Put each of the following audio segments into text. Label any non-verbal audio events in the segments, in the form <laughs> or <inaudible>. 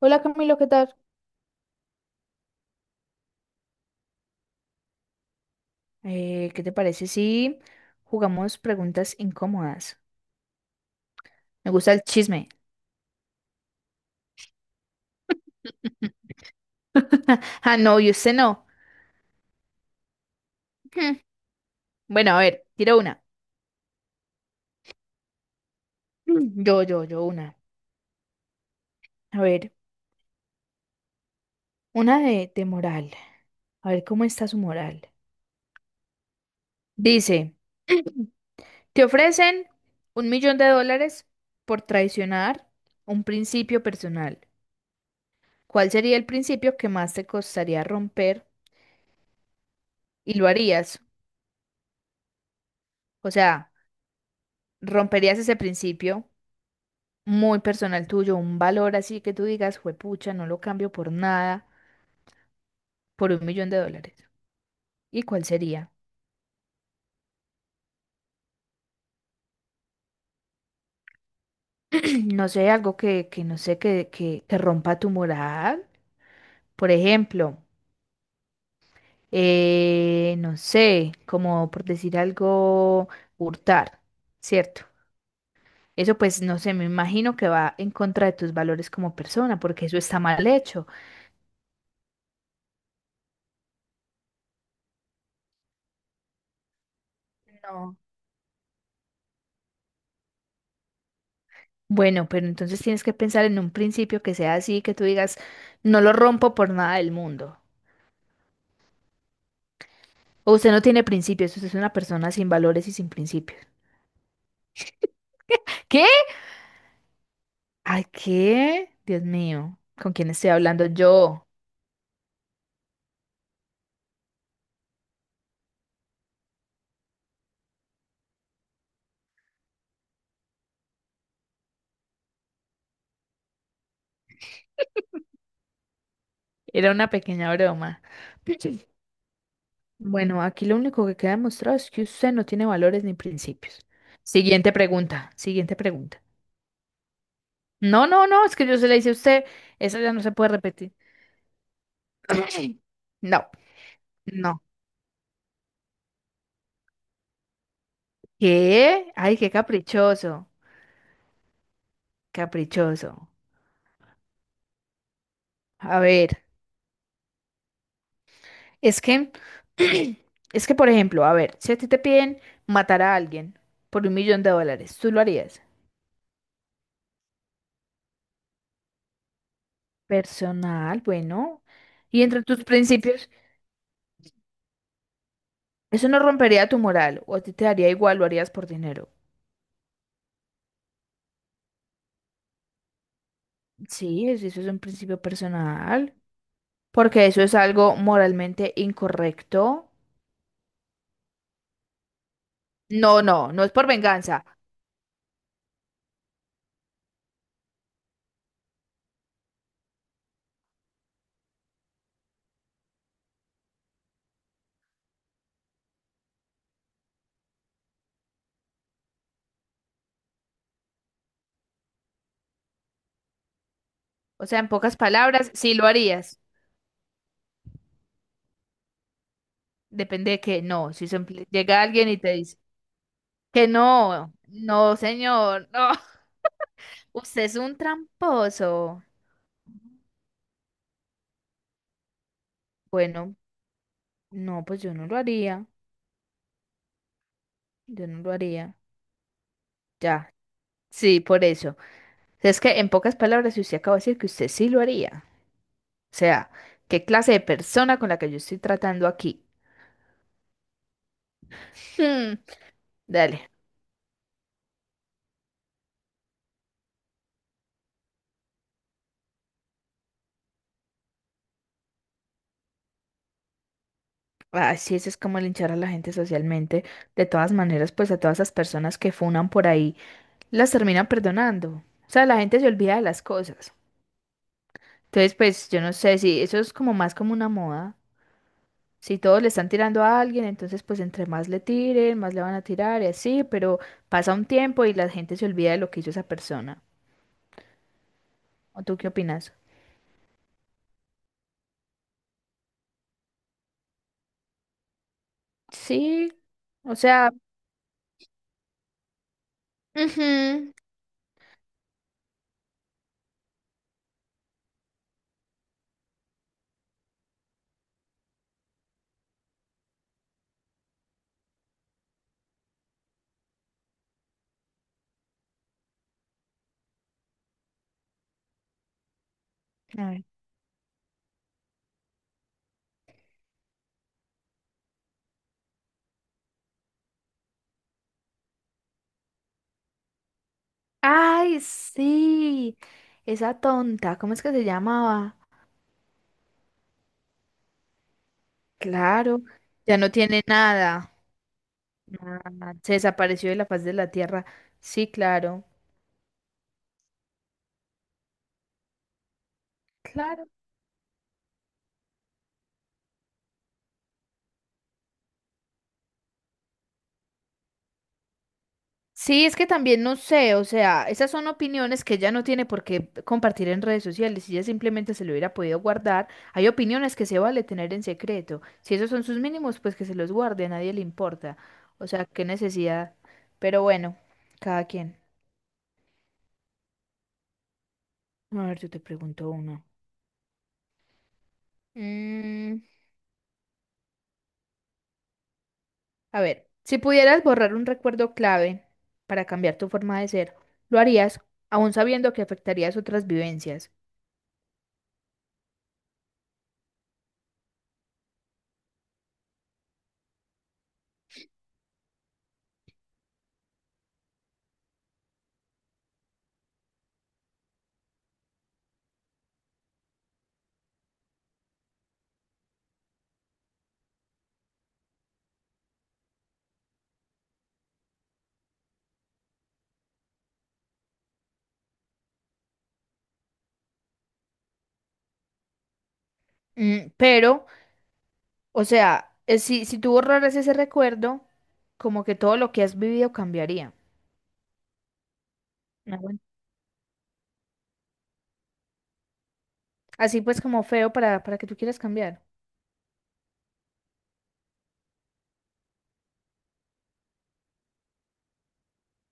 Hola, Camilo, ¿qué tal? ¿Qué te parece si jugamos preguntas incómodas? Me gusta el chisme. <laughs> Ah, no, y usted no. Hmm, Bueno, a ver, tiro una. Yo, una. A ver, una de moral. A ver, ¿cómo está su moral? Dice, te ofrecen 1.000.000 de dólares por traicionar un principio personal. ¿Cuál sería el principio que más te costaría romper y lo harías? O sea, ¿romperías ese principio muy personal tuyo, un valor así que tú digas, juepucha, no lo cambio por nada, por 1.000.000 de dólares? ¿Y cuál sería? <clears throat> No sé, algo que no sé, que rompa tu moral. Por ejemplo, no sé, como por decir algo, hurtar, ¿cierto? Eso pues, no sé, me imagino que va en contra de tus valores como persona, porque eso está mal hecho. No. Bueno, pero entonces tienes que pensar en un principio que sea así, que tú digas, no lo rompo por nada del mundo. O usted no tiene principios, usted es una persona sin valores y sin principios. ¿Qué? Ay, ¿qué? Dios mío, ¿con quién estoy hablando yo? Era una pequeña broma. <clears throat> Bueno, aquí lo único que queda demostrado es que usted no tiene valores ni principios. Siguiente pregunta, siguiente pregunta. No, no, no, es que yo se le hice a usted, eso ya no se puede repetir. <clears throat> No, no. ¿Qué? Ay, qué caprichoso, caprichoso. A ver. Es que, <clears throat> es que, por ejemplo, a ver, si a ti te piden matar a alguien por 1.000.000 de dólares, ¿tú lo harías? Personal, bueno. Y entre tus principios, eso no rompería tu moral, o a ti te daría igual, lo harías por dinero. Sí, eso es un principio personal, porque eso es algo moralmente incorrecto. No, no, no es por venganza. O sea, en pocas palabras, sí lo harías. Depende de que no, si llega alguien y te dice que no, no, señor, no. Usted es un tramposo. Bueno, no, pues yo no lo haría. Yo no lo haría. Ya, sí, por eso. Es que en pocas palabras, si usted acaba de decir que usted sí lo haría. O sea, ¿qué clase de persona con la que yo estoy tratando aquí? Hmm. Dale. Así eso es como linchar a la gente socialmente. De todas maneras, pues a todas esas personas que funan por ahí, las terminan perdonando. O sea, la gente se olvida de las cosas. Entonces, pues yo no sé si eso es como más como una moda. Si todos le están tirando a alguien, entonces pues entre más le tiren, más le van a tirar y así, pero pasa un tiempo y la gente se olvida de lo que hizo esa persona. ¿O tú qué opinas? Sí, o sea, ujú. A ver. Ay, sí, esa tonta, ¿cómo es que se llamaba? Claro, ya no tiene nada. Nada, se desapareció de la faz de la tierra. Sí, claro. Claro. Sí, es que también no sé, o sea, esas son opiniones que ella no tiene por qué compartir en redes sociales, si ella simplemente se lo hubiera podido guardar. Hay opiniones que se vale tener en secreto. Si esos son sus mínimos, pues que se los guarde, a nadie le importa. O sea, qué necesidad. Pero bueno, cada quien. A ver, yo te pregunto uno. Mm, a ver, si pudieras borrar un recuerdo clave para cambiar tu forma de ser, ¿lo harías aún sabiendo que afectarías otras vivencias? Pero, o sea, si tú borraras ese recuerdo, como que todo lo que has vivido cambiaría. Ah, bueno. Así pues como feo para que tú quieras cambiar.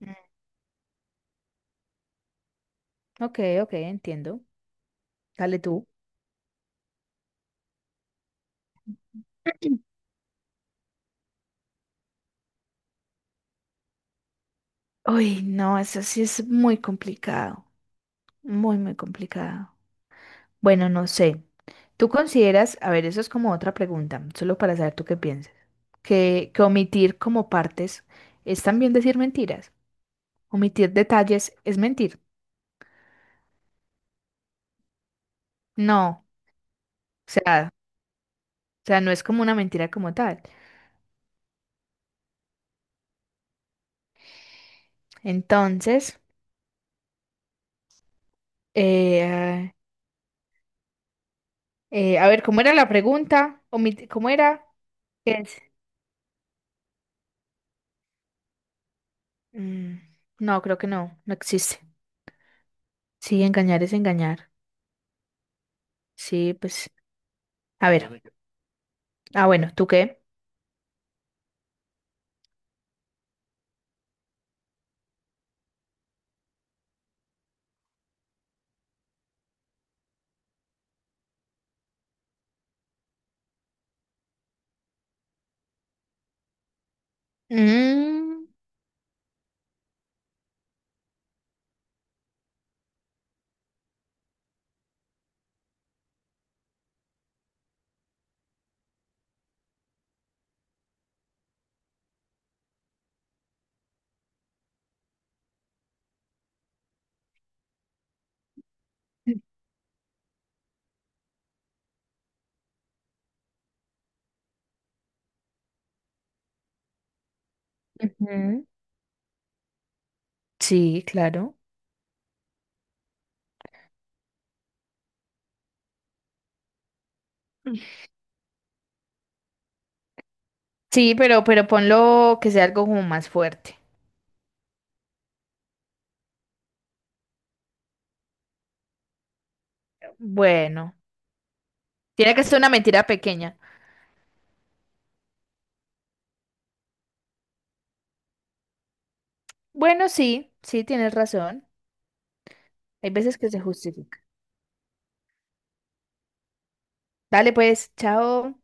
Mm. Ok, ok, entiendo. Dale tú. <clears throat> Uy, no, eso sí es muy complicado. Muy, muy complicado. Bueno, no sé. ¿Tú consideras, a ver, eso es como otra pregunta, solo para saber tú qué piensas, que omitir como partes es también decir mentiras? ¿Omitir detalles es mentir? No, o sea. O sea, no es como una mentira como tal. Entonces, eh, a ver, ¿cómo era la pregunta? ¿Cómo era? ¿Qué es? Mm, no, creo que no, no existe. Sí, engañar es engañar. Sí, pues, a ver. Ah, bueno, ¿tú qué? Mm, ujú. Sí, claro. Sí, pero ponlo que sea algo como más fuerte. Bueno, tiene que ser una mentira pequeña. Bueno, sí, sí, tienes razón. Hay veces que se justifica. Dale pues, chao.